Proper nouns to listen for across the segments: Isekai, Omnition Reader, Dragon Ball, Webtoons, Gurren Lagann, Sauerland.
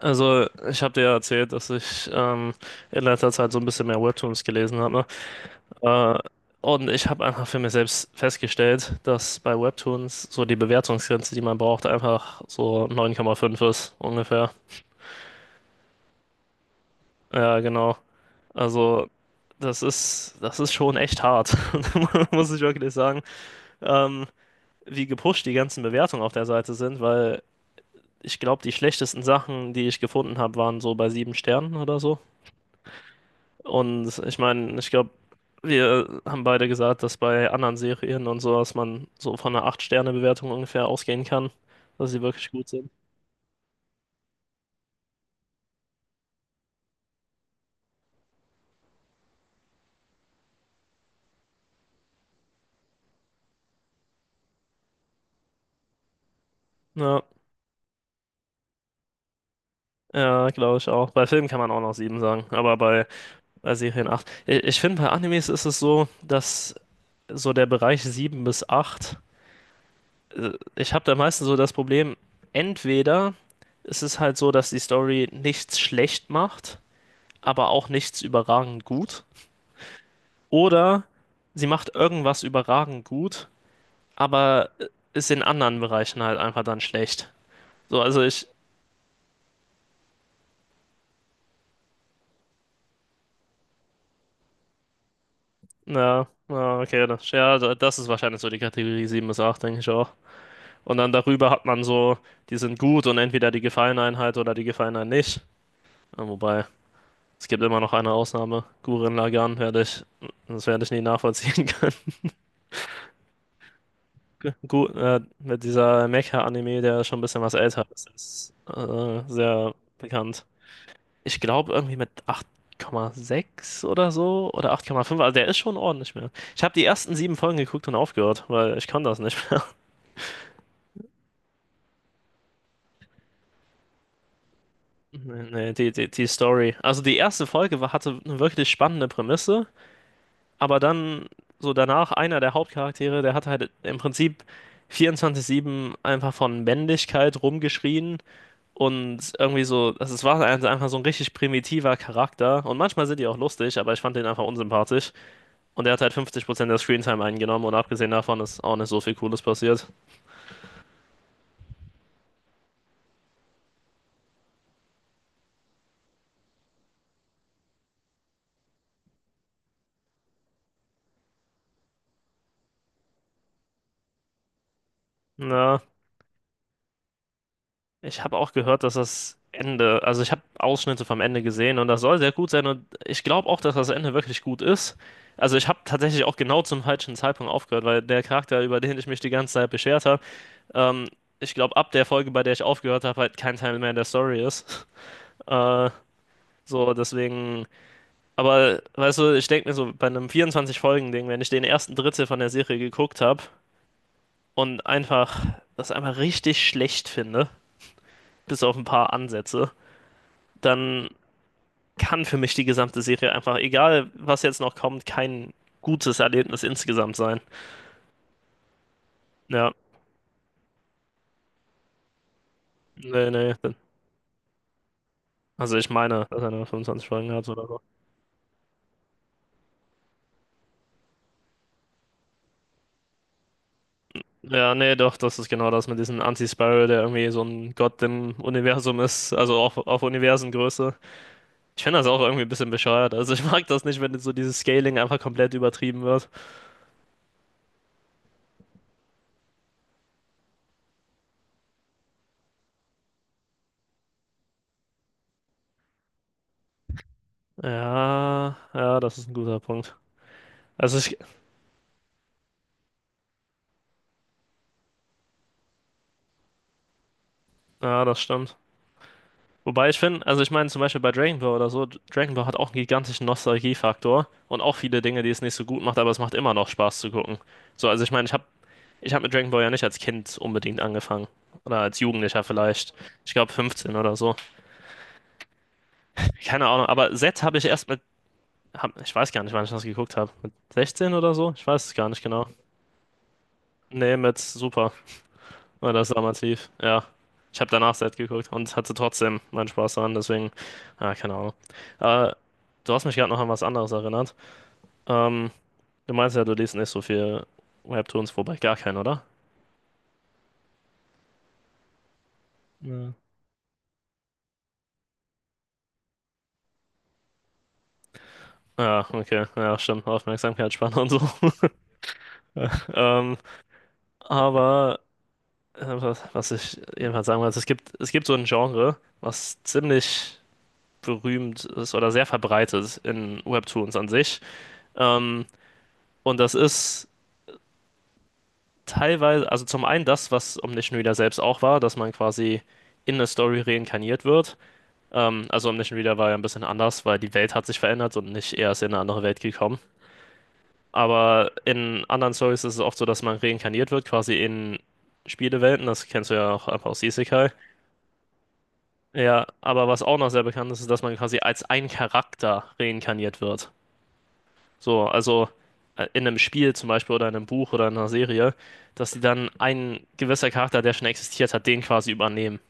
Also, ich habe dir ja erzählt, dass ich in letzter Zeit so ein bisschen mehr Webtoons gelesen habe. Ne? Und ich habe einfach für mich selbst festgestellt, dass bei Webtoons so die Bewertungsgrenze, die man braucht, einfach so 9,5 ist ungefähr. Ja, genau. Also, das ist schon echt hart, muss ich wirklich sagen. Ähm, Wie gepusht die ganzen Bewertungen auf der Seite sind, weil ich glaube, die schlechtesten Sachen, die ich gefunden habe, waren so bei sieben Sternen oder so. Und ich meine, ich glaube, wir haben beide gesagt, dass bei anderen Serien und sowas man so von einer acht Sterne Bewertung ungefähr ausgehen kann, dass sie wirklich gut sind. Ja, ja, glaube ich auch. Bei Filmen kann man auch noch 7 sagen, aber bei Serien acht. Ich finde, bei Animes ist es so, dass so der Bereich 7 bis acht. Ich habe da meistens so das Problem, entweder ist es halt so, dass die Story nichts schlecht macht, aber auch nichts überragend gut. Oder sie macht irgendwas überragend gut, aber ist in anderen Bereichen halt einfach dann schlecht. So, also ich, na, na, okay, das, ja, das ist wahrscheinlich so die Kategorie 7 bis acht, denke ich auch. Und dann darüber hat man so, die sind gut und entweder die gefallen einem halt oder die gefallen einem nicht. Ja, wobei, es gibt immer noch eine Ausnahme. Gurren Lagann das werde ich nie nachvollziehen können. Gut, mit dieser Mecha-Anime, der schon ein bisschen was älter ist, ist sehr bekannt. Ich glaube, irgendwie mit 8,6 oder so oder 8,5. Also der ist schon ordentlich mehr. Ich habe die ersten sieben Folgen geguckt und aufgehört, weil ich kann das nicht mehr. Nee, nee, die Story. Also die erste Folge hatte eine wirklich spannende Prämisse, aber dann so danach einer der Hauptcharaktere, der hat halt im Prinzip 24/7 einfach von Männlichkeit rumgeschrien und irgendwie so, also es war einfach so ein richtig primitiver Charakter und manchmal sind die auch lustig, aber ich fand den einfach unsympathisch. Und er hat halt 50% der Screentime eingenommen und abgesehen davon ist auch nicht so viel Cooles passiert. Na, ich habe auch gehört, dass das Ende, also ich habe Ausschnitte vom Ende gesehen und das soll sehr gut sein und ich glaube auch, dass das Ende wirklich gut ist. Also ich habe tatsächlich auch genau zum falschen Zeitpunkt aufgehört, weil der Charakter, über den ich mich die ganze Zeit beschert habe, ähm, ich glaube ab der Folge, bei der ich aufgehört habe, halt kein Teil mehr der Story ist. Äh, so, deswegen, aber weißt du, ich denke mir so, bei einem 24 Folgen Ding, wenn ich den ersten Drittel von der Serie geguckt habe, und einfach das einfach richtig schlecht finde, bis auf ein paar Ansätze, dann kann für mich die gesamte Serie einfach, egal was jetzt noch kommt, kein gutes Erlebnis insgesamt sein. Ja, nee, nee. Also ich meine, dass er nur 25 Folgen hat oder so. Ja, nee, doch, das ist genau das mit diesem Anti-Spiral, der irgendwie so ein Gott im Universum ist, also auf Universengröße. Ich finde das auch irgendwie ein bisschen bescheuert. Also ich mag das nicht, wenn so dieses Scaling einfach komplett übertrieben wird. Ja, ja, das ist ein guter Punkt. Also ich. Ja, das stimmt. Wobei ich finde, also ich meine zum Beispiel bei Dragon Ball oder so, Dragon Ball hat auch einen gigantischen Nostalgiefaktor und auch viele Dinge, die es nicht so gut macht, aber es macht immer noch Spaß zu gucken. So, also ich meine, ich habe ich hab mit Dragon Ball ja nicht als Kind unbedingt angefangen. Oder als Jugendlicher vielleicht. Ich glaube 15 oder so. Keine Ahnung, aber Z habe ich erst ich weiß gar nicht, wann ich das geguckt habe. Mit 16 oder so? Ich weiß es gar nicht genau. Nee, mit Super. War das damals lief, ja. Ich habe danach Set geguckt und hatte trotzdem meinen Spaß daran, deswegen, ah, keine Ahnung. Aber du hast mich gerade noch an was anderes erinnert. Ähm, Du meinst ja, du liest nicht so viel Webtoons, wobei gar keinen, oder? Ja. Ja, okay, ja, stimmt, Aufmerksamkeitsspanne und so. Ähm, aber was ich jedenfalls sagen wollte, es gibt so ein Genre, was ziemlich berühmt ist oder sehr verbreitet in Webtoons an sich. Ähm, und das ist teilweise, also zum einen das, was Omnition Reader selbst auch war, dass man quasi in eine Story reinkarniert wird. Also Omnition Reader war ja ein bisschen anders, weil die Welt hat sich verändert und nicht er ist in eine andere Welt gekommen. Aber in anderen Stories ist es oft so, dass man reinkarniert wird, quasi in Spielewelten. Das kennst du ja auch einfach aus Isekai. Ja, aber was auch noch sehr bekannt ist, ist, dass man quasi als ein Charakter reinkarniert wird. So, also in einem Spiel zum Beispiel oder in einem Buch oder in einer Serie, dass die dann ein gewisser Charakter, der schon existiert hat, den quasi übernehmen.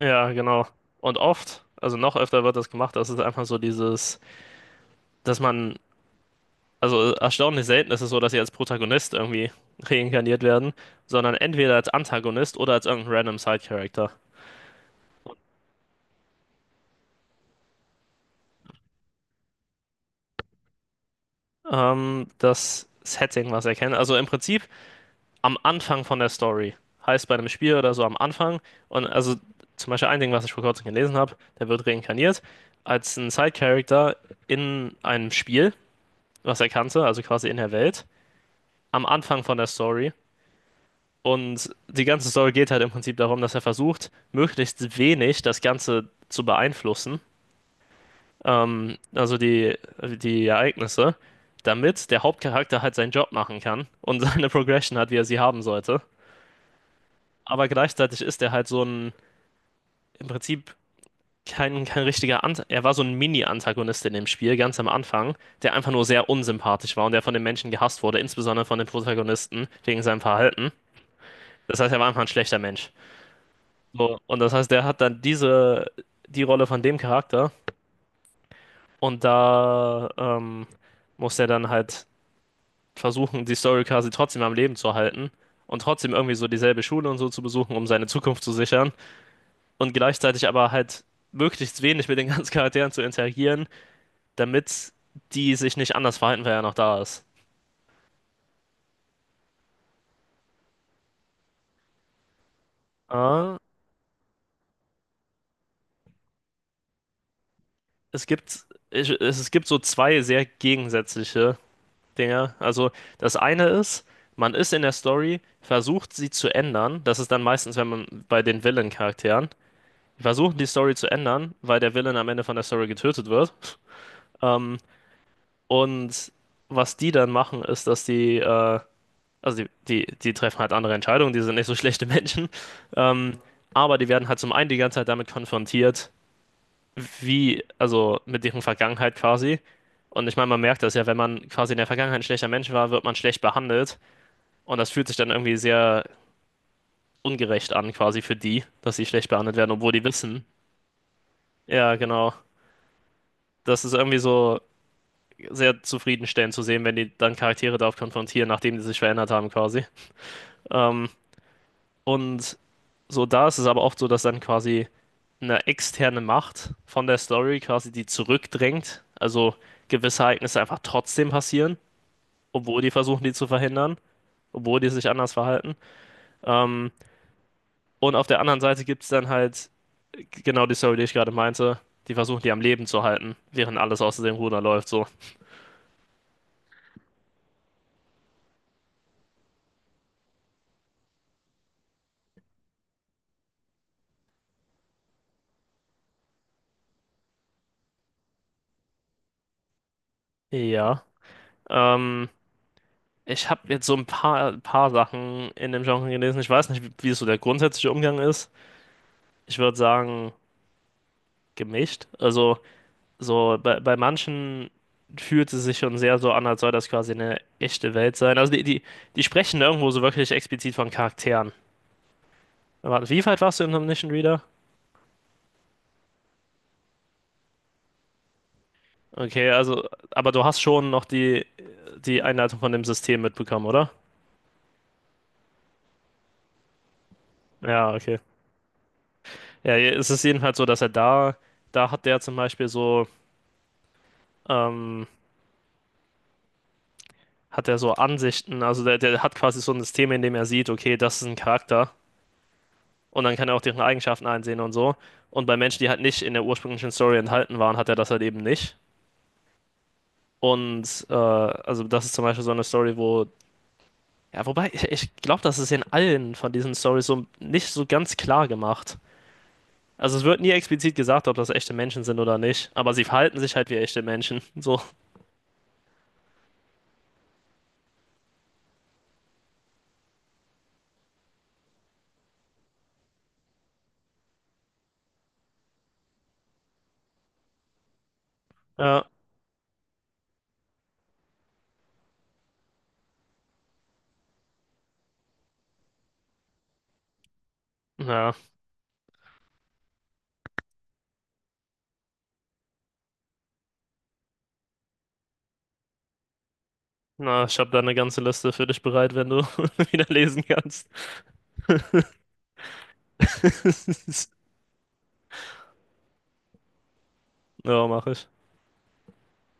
Ja, genau. Und oft, also noch öfter wird das gemacht, das ist einfach so dieses, dass man, also erstaunlich selten ist es so, dass sie als Protagonist irgendwie reinkarniert werden, sondern entweder als Antagonist oder als irgendein random Side-Character. Das Setting, was er kennt. Also im Prinzip am Anfang von der Story. Heißt bei einem Spiel oder so am Anfang. Und also zum Beispiel ein Ding, was ich vor kurzem gelesen habe, der wird reinkarniert als ein Side-Character in einem Spiel, was er kannte, also quasi in der Welt, am Anfang von der Story. Und die ganze Story geht halt im Prinzip darum, dass er versucht, möglichst wenig das Ganze zu beeinflussen, also die, die Ereignisse, damit der Hauptcharakter halt seinen Job machen kann und seine Progression hat, wie er sie haben sollte. Aber gleichzeitig ist er halt so ein im Prinzip kein, kein richtiger Ant er war so ein Mini-Antagonist in dem Spiel, ganz am Anfang, der einfach nur sehr unsympathisch war und der von den Menschen gehasst wurde, insbesondere von den Protagonisten, wegen seinem Verhalten. Das heißt, er war einfach ein schlechter Mensch. So, und das heißt, der hat dann diese, die Rolle von dem Charakter und da muss er dann halt versuchen, die Story quasi trotzdem am Leben zu halten und trotzdem irgendwie so dieselbe Schule und so zu besuchen, um seine Zukunft zu sichern und gleichzeitig aber halt möglichst wenig mit den ganzen Charakteren zu interagieren, damit die sich nicht anders verhalten, wenn er noch da ist. Ah, es gibt so zwei sehr gegensätzliche Dinge. Also das eine ist, man ist in der Story, versucht sie zu ändern. Das ist dann meistens, wenn man bei den Villain-Charakteren versucht, die Story zu ändern, weil der Villain am Ende von der Story getötet wird. Ähm, und was die dann machen, ist, dass also die treffen halt andere Entscheidungen, die sind nicht so schlechte Menschen. Ähm, aber die werden halt zum einen die ganze Zeit damit konfrontiert, wie, also mit deren Vergangenheit quasi. Und ich meine, man merkt das ja, wenn man quasi in der Vergangenheit ein schlechter Mensch war, wird man schlecht behandelt. Und das fühlt sich dann irgendwie sehr ungerecht an, quasi für die, dass sie schlecht behandelt werden, obwohl die wissen. Ja, genau. Das ist irgendwie so sehr zufriedenstellend zu sehen, wenn die dann Charaktere darauf konfrontieren, nachdem die sich verändert haben, quasi. Ähm, und so da ist es aber oft so, dass dann quasi eine externe Macht von der Story quasi die zurückdrängt. Also gewisse Ereignisse einfach trotzdem passieren, obwohl die versuchen, die zu verhindern, obwohl die sich anders verhalten. Ähm, und auf der anderen Seite gibt es dann halt genau die Story, die ich gerade meinte. Die versuchen, die am Leben zu halten, während alles aus dem Ruder läuft, so. Ja. Ähm, Ich habe jetzt so ein paar Sachen in dem Genre gelesen. Ich weiß nicht, wie so der grundsätzliche Umgang ist. Ich würde sagen, gemischt. Also, so bei manchen fühlt es sich schon sehr so an, als soll das quasi eine echte Welt sein. Also, die sprechen irgendwo so wirklich explizit von Charakteren. Warte, wie weit warst du im Omnition Reader? Okay, also, aber du hast schon noch die, die Einleitung von dem System mitbekommen, oder? Ja, okay. Ja, Es ist jedenfalls so, dass er da hat der zum Beispiel so, ähm, hat er so Ansichten, also der hat quasi so ein System, in dem er sieht, okay, das ist ein Charakter und dann kann er auch deren Eigenschaften einsehen und so. Und bei Menschen, die halt nicht in der ursprünglichen Story enthalten waren, hat er das halt eben nicht. Und also das ist zum Beispiel so eine Story, wo Ja, wobei, ich glaube, das ist in allen von diesen Stories so nicht so ganz klar gemacht. Also es wird nie explizit gesagt, ob das echte Menschen sind oder nicht, aber sie verhalten sich halt wie echte Menschen. So. Ja, ja. Na, ich habe da eine ganze Liste für dich bereit, wenn du wieder lesen kannst. Ja, mache ich.